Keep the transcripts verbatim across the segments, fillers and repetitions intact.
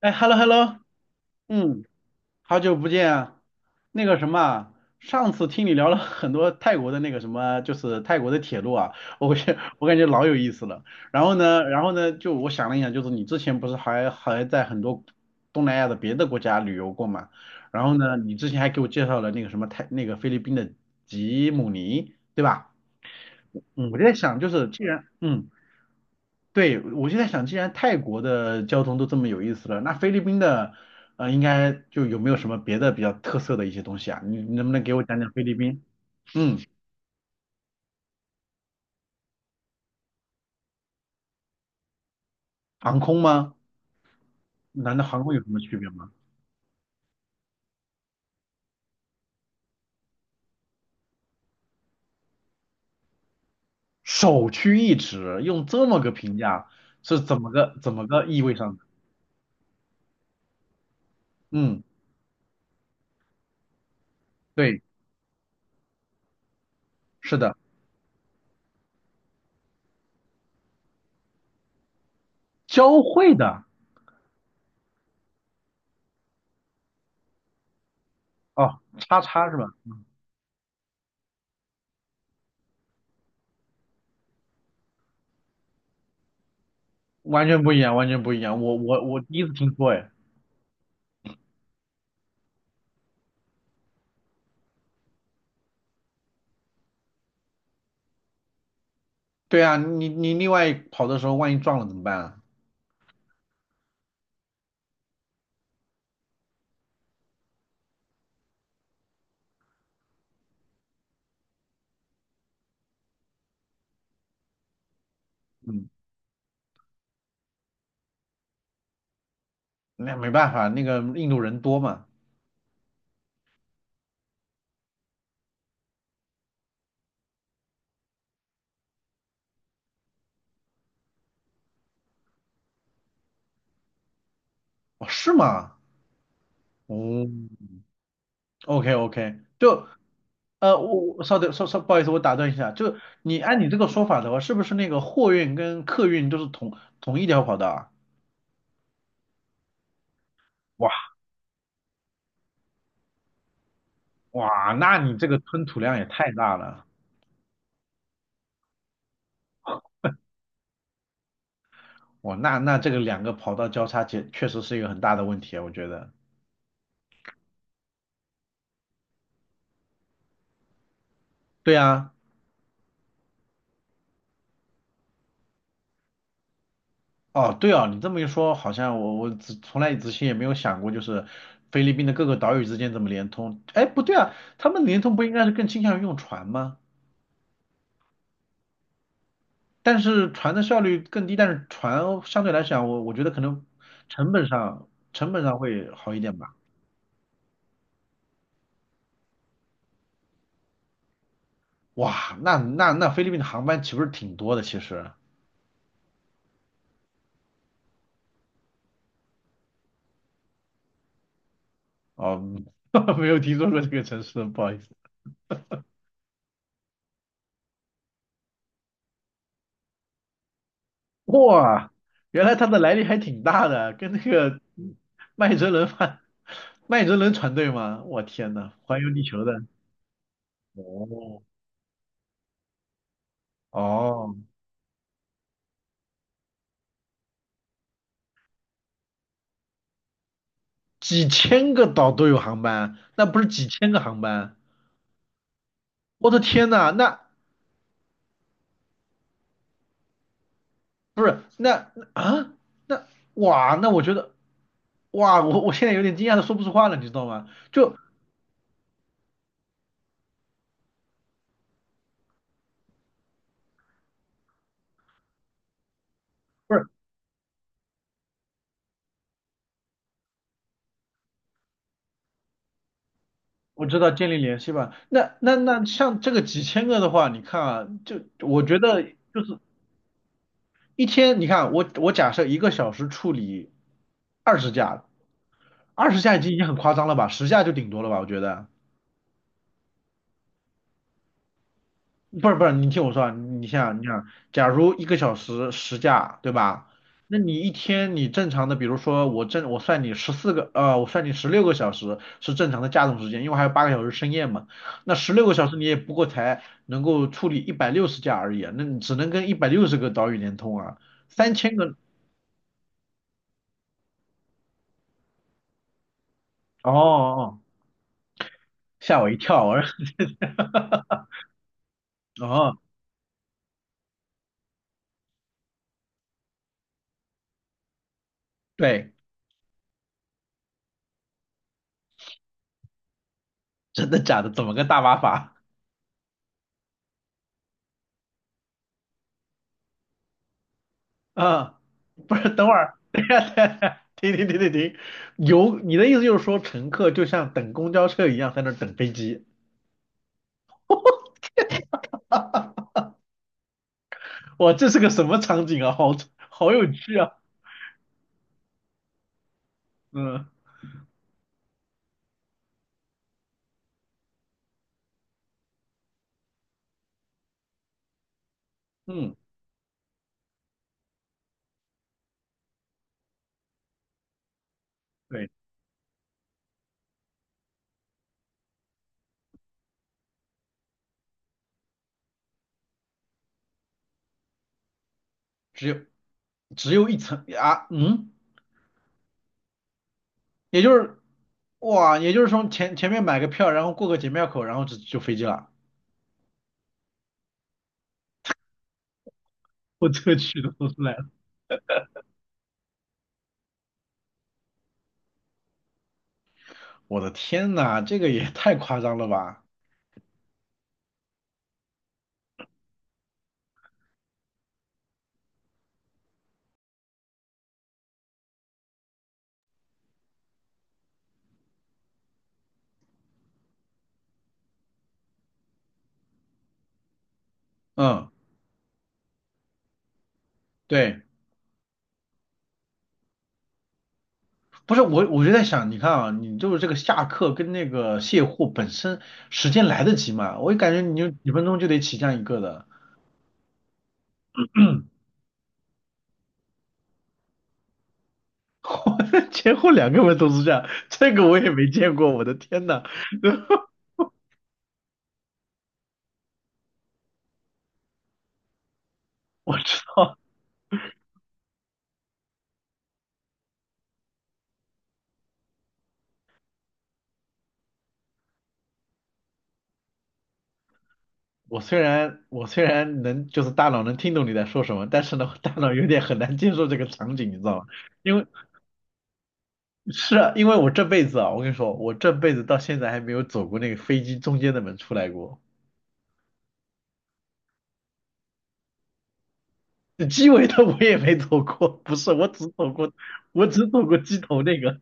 哎，hello hello，嗯，好久不见啊。那个什么啊，上次听你聊了很多泰国的那个什么，就是泰国的铁路啊，我感觉我感觉老有意思了。然后呢，然后呢，就我想了一想，就是你之前不是还还在很多东南亚的别的国家旅游过嘛？然后呢，你之前还给我介绍了那个什么泰那个菲律宾的吉姆尼，对吧？嗯，我就在想，就是既然嗯。对，我就在想，既然泰国的交通都这么有意思了，那菲律宾的，呃，应该就有没有什么别的比较特色的一些东西啊？你你能不能给我讲讲菲律宾？嗯，航空吗？难道航空有什么区别吗？首屈一指，用这么个评价是怎么个怎么个意味上的？嗯，对，是的，交汇的。哦，叉叉是吧？完全不一样，完全不一样。我我我第一次听说，哎。对啊，你你另外跑的时候，万一撞了怎么办啊？嗯。那没办法，那个印度人多嘛。哦，是吗？哦，OK OK，就呃，我我稍等，稍稍不好意思，我打断一下，就你按你这个说法的话，是不是那个货运跟客运都是同同一条跑道啊？哇哇，那你这个吞吐量也太大了。哇，那那这个两个跑道交叉，确确实是一个很大的问题啊，我觉得。对啊。哦，对哦，你这么一说，好像我我之从来之前也没有想过，就是菲律宾的各个岛屿之间怎么联通。哎，不对啊，他们联通不应该是更倾向于用船吗？但是船的效率更低，但是船相对来讲，我我觉得可能成本上成本上会好一点吧。哇，那那那菲律宾的航班岂不是挺多的？其实哦，没有听说过这个城市，不好意思。哇，原来它的来历还挺大的，跟那个麦哲伦饭、麦哲伦船队吗？我天呐，环游地球的。哦哦，几千个岛都有航班，那不是几千个航班？我的天呐。那不是那那啊那哇，那我觉得，哇，我我现在有点惊讶的说不出话了，你知道吗？就，不是，我知道建立联系吧？那那那像这个几千个的话，你看啊，就我觉得。就是。一天，你看我我假设一个小时处理二十架，二十架已经已经很夸张了吧，十架就顶多了吧，我觉得。不是不是，你听我说啊，你想你想，假如一个小时十架，对吧？那你一天你正常的，比如说我正我算你十四个，呃，我算你十六个小时是正常的架动时间，因为还有八个小时深夜嘛。那十六个小时你也不过才能够处理一百六十架而已啊，那你只能跟一百六十个岛屿连通啊，三千个。哦哦，哦，吓我一跳，我说。哦，对，真的假的？怎么个大麻法？嗯，不是，等会儿，等一下，等一下，停停停停停，有你的意思就是说，乘客就像等公交车一样在那儿等飞机？哇，这是个什么场景啊？好好有趣啊！嗯嗯，对，只有只有一层啊，嗯，也就是哇，也就是说前前面买个票，然后过个检票口，然后就就飞机了。我这个去的都出来了，我的天呐，这个也太夸张了吧？嗯，对。不是，我，我就在想，你看啊，你就是这个下课跟那个卸货本身时间来得及吗？我就感觉你就几分钟就得起降一个的，前后两个门都是这样，这个我也没见过，我的天呐。我知道，我虽然我虽然能就是大脑能听懂你在说什么，但是呢，我大脑有点很难接受这个场景，你知道吗？因为是啊，因为我这辈子啊，我跟你说，我这辈子到现在还没有走过那个飞机中间的门出来过。鸡尾的我也没走过，不是，我只走过，我只走过鸡头那个。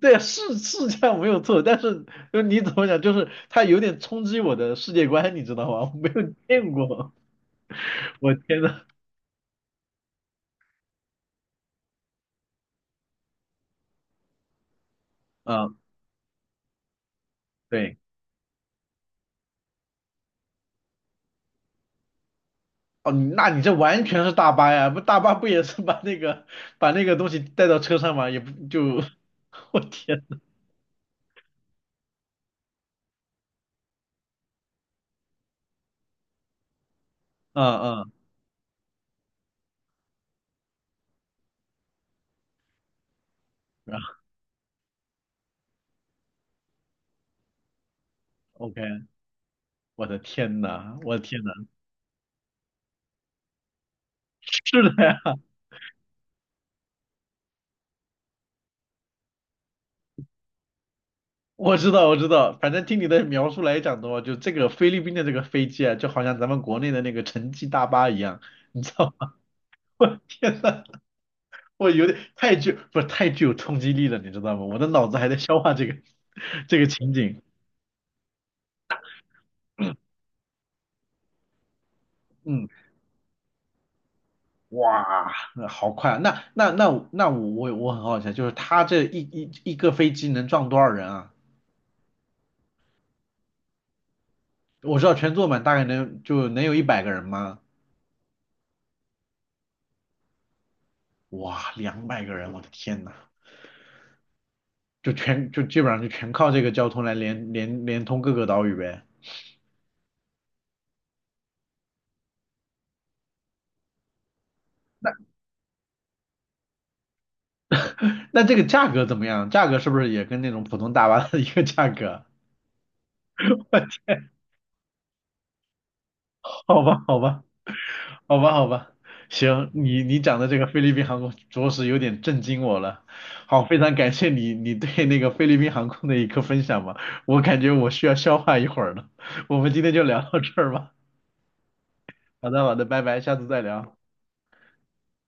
对啊，是是这样没有错，但是就你怎么讲，就是它有点冲击我的世界观，你知道吗？我没有见过，我天呐。嗯，对，哦，那你这完全是大巴呀，不大巴不也是把那个把那个东西带到车上吗？也不就，我天。嗯嗯，然后 OK，我的天呐，我的天呐，是的呀。我知道，我知道，反正听你的描述来讲的话，就这个菲律宾的这个飞机啊，就好像咱们国内的那个城际大巴一样，你知道吗？天呐，我有点太具，不是太具有冲击力了，你知道吗？我的脑子还在消化这个 这个情景。嗯，哇，那好快啊！那那那那我我我很好奇啊，就是他这一一一个飞机能撞多少人啊？我知道全坐满大概能就能有一百个人吗？哇，两百个人，我的天呐！就全就基本上就全靠这个交通来连连连通各个岛屿呗。那这个价格怎么样？价格是不是也跟那种普通大巴的一个价格？好吧，好吧，好吧，好吧，行，你你讲的这个菲律宾航空着实有点震惊我了。好，非常感谢你你对那个菲律宾航空的一个分享吧，我感觉我需要消化一会儿了。我们今天就聊到这儿吧。好的，好的，拜拜，下次再聊。